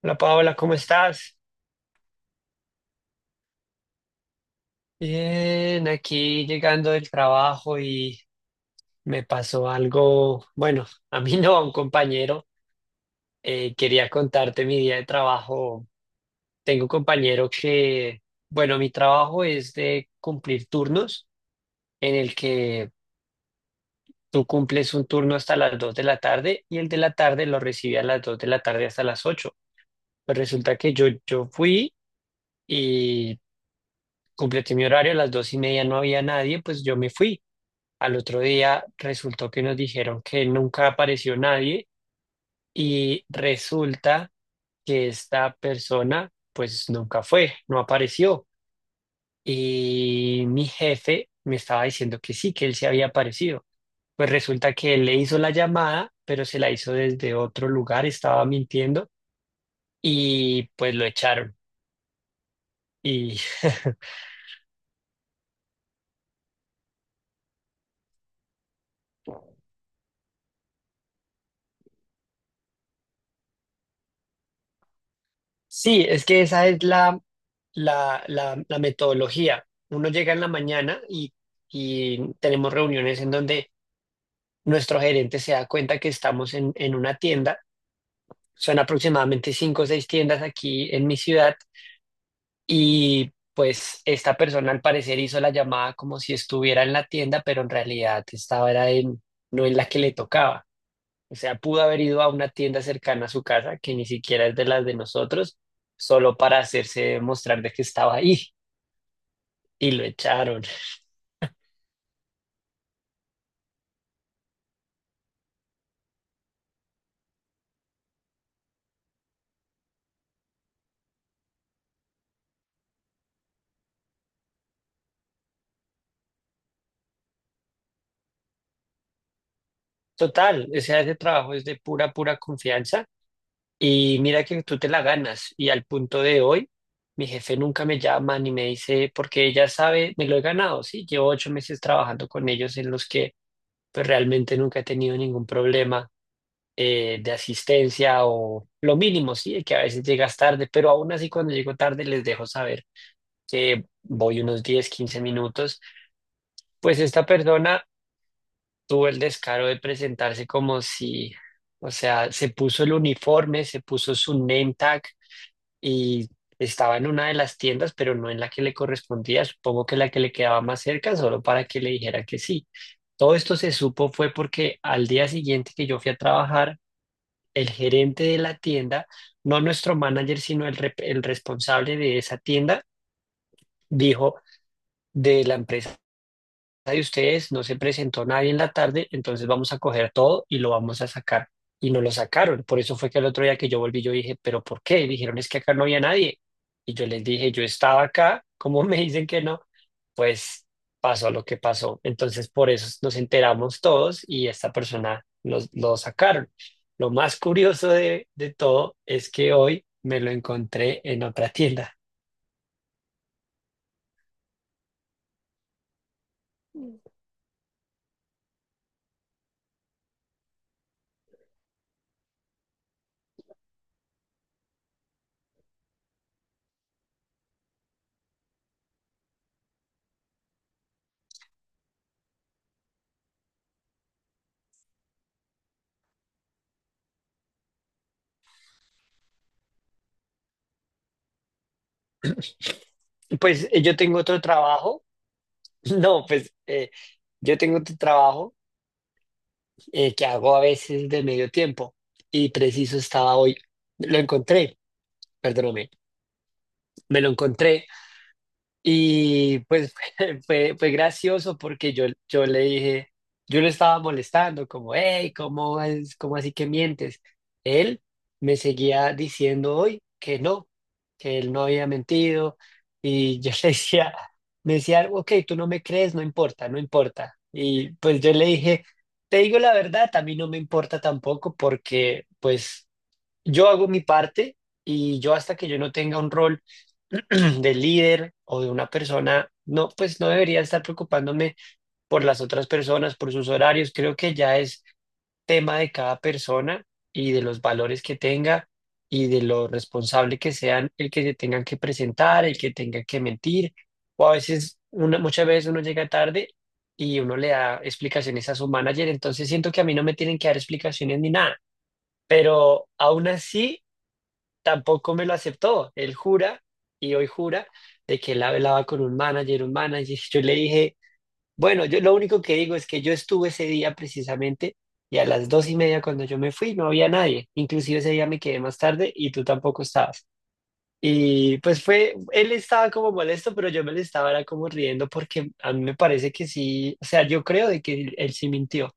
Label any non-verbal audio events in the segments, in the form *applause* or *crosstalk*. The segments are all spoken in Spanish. Hola Paola, ¿cómo estás? Bien, aquí llegando del trabajo y me pasó algo, bueno, a mí *laughs* no, a un compañero. Quería contarte mi día de trabajo. Tengo un compañero que, bueno, mi trabajo es de cumplir turnos, en el que tú cumples un turno hasta las 2 de la tarde y el de la tarde lo recibe a las 2 de la tarde hasta las 8. Pues resulta que yo fui y completé mi horario, a las 2 y media no había nadie, pues yo me fui. Al otro día resultó que nos dijeron que nunca apareció nadie y resulta que esta persona pues nunca fue, no apareció. Y mi jefe me estaba diciendo que sí, que él se había aparecido. Pues resulta que él le hizo la llamada, pero se la hizo desde otro lugar, estaba mintiendo y pues lo echaron. Y *laughs* sí, es que esa es la metodología. Uno llega en la mañana y tenemos reuniones en donde nuestro gerente se da cuenta que estamos en una tienda. Son aproximadamente cinco o seis tiendas aquí en mi ciudad y pues esta persona al parecer hizo la llamada como si estuviera en la tienda, pero en realidad estaba era en, no en la que le tocaba. O sea, pudo haber ido a una tienda cercana a su casa, que ni siquiera es de las de nosotros, solo para hacerse mostrar de que estaba ahí y lo echaron. Total, o sea, ese trabajo es de pura, pura confianza y mira que tú te la ganas. Y al punto de hoy, mi jefe nunca me llama ni me dice, porque ella sabe, me lo he ganado, sí, llevo 8 meses trabajando con ellos en los que pues realmente nunca he tenido ningún problema de asistencia o lo mínimo, sí, que a veces llegas tarde, pero aún así cuando llego tarde les dejo saber que voy unos 10 15 minutos, pues esta persona tuvo el descaro de presentarse como si, o sea, se puso el uniforme, se puso su name tag y estaba en una de las tiendas, pero no en la que le correspondía, supongo que la que le quedaba más cerca, solo para que le dijera que sí. Todo esto se supo fue porque al día siguiente que yo fui a trabajar, el gerente de la tienda, no nuestro manager, sino el, el responsable de esa tienda, dijo de la empresa de ustedes, no se presentó nadie en la tarde, entonces vamos a coger todo y lo vamos a sacar. Y no lo sacaron. Por eso fue que el otro día que yo volví, yo dije, ¿pero por qué? Y dijeron, es que acá no había nadie. Y yo les dije, yo estaba acá, ¿cómo *laughs* me dicen que no? Pues pasó lo que pasó. Entonces por eso nos enteramos todos y esta persona nos, lo sacaron. Lo más curioso de todo es que hoy me lo encontré en otra tienda. Pues yo tengo otro trabajo. *laughs* No, pues yo tengo tu trabajo, que hago a veces de medio tiempo y preciso estaba hoy. Lo encontré, perdóname, me lo encontré. Y pues *laughs* fue, gracioso porque yo le dije, yo le estaba molestando, como, hey, ¿cómo es, cómo así que mientes? Él me seguía diciendo hoy que no, que él no había mentido. Y yo *laughs* le decía, me decía, ok, tú no me crees, no importa, no importa. Y pues yo le dije, te digo la verdad, a mí no me importa tampoco porque pues yo hago mi parte y yo hasta que yo no tenga un rol *clears throat* del líder o de una persona, no, pues no debería estar preocupándome por las otras personas, por sus horarios. Creo que ya es tema de cada persona y de los valores que tenga y de lo responsable que sean, el que se tengan que presentar, el que tenga que mentir. O a veces, una, muchas veces uno llega tarde y uno le da explicaciones a su manager, entonces siento que a mí no me tienen que dar explicaciones ni nada. Pero aún así, tampoco me lo aceptó. Él jura y hoy jura de que él hablaba con un manager, un manager. *laughs* Yo le dije, bueno, yo lo único que digo es que yo estuve ese día precisamente y a las 2 y media cuando yo me fui no había nadie. Inclusive ese día me quedé más tarde y tú tampoco estabas. Y pues fue, él estaba como molesto, pero yo me le estaba era como riendo porque a mí me parece que sí, o sea, yo creo de que él sí mintió.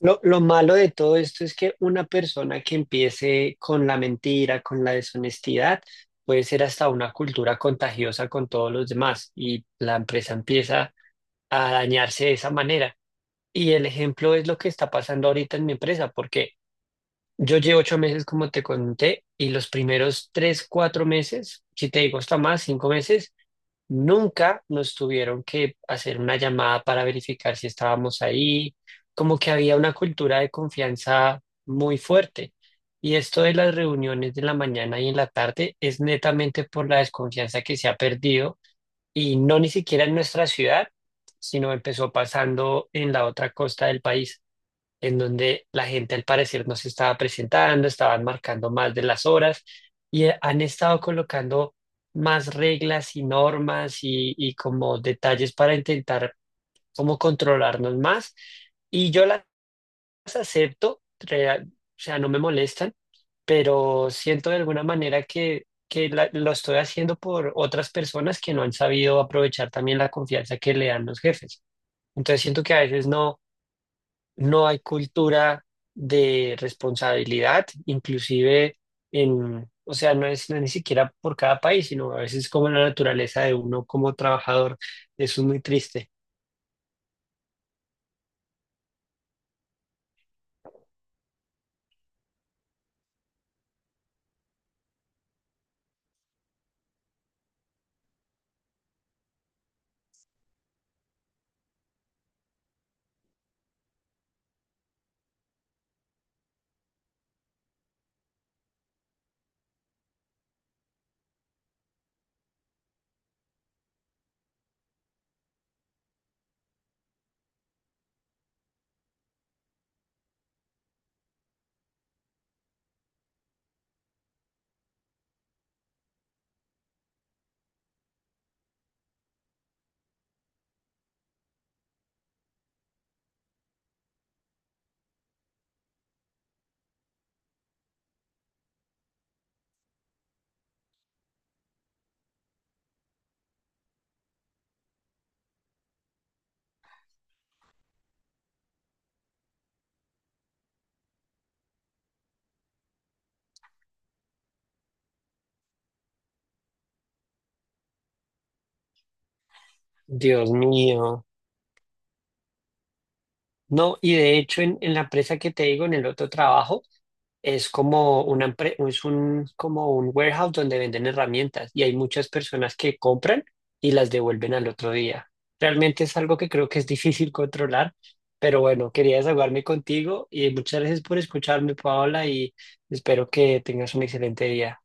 Lo malo de todo esto es que una persona que empiece con la mentira, con la deshonestidad, puede ser hasta una cultura contagiosa con todos los demás y la empresa empieza a dañarse de esa manera. Y el ejemplo es lo que está pasando ahorita en mi empresa, porque yo llevo 8 meses, como te conté, y los primeros 3, 4 meses, si te digo hasta más, 5 meses, nunca nos tuvieron que hacer una llamada para verificar si estábamos ahí, como que había una cultura de confianza muy fuerte. Y esto de las reuniones de la mañana y en la tarde es netamente por la desconfianza que se ha perdido y no ni siquiera en nuestra ciudad, sino empezó pasando en la otra costa del país en donde la gente al parecer no se estaba presentando, estaban marcando más de las horas y han estado colocando más reglas y normas y como detalles para intentar como controlarnos más. Y yo las acepto, o sea, no me molestan, pero siento de alguna manera que lo estoy haciendo por otras personas que no han sabido aprovechar también la confianza que le dan los jefes. Entonces siento que a veces no hay cultura de responsabilidad, inclusive en, o sea, no es ni siquiera por cada país, sino a veces como la naturaleza de uno como trabajador. Eso es muy triste. Dios mío. No, y de hecho en la empresa que te digo, en el otro trabajo, es como una, es un, como un warehouse donde venden herramientas y hay muchas personas que compran y las devuelven al otro día. Realmente es algo que creo que es difícil controlar, pero bueno, quería desahogarme contigo y muchas gracias por escucharme, Paola, y espero que tengas un excelente día.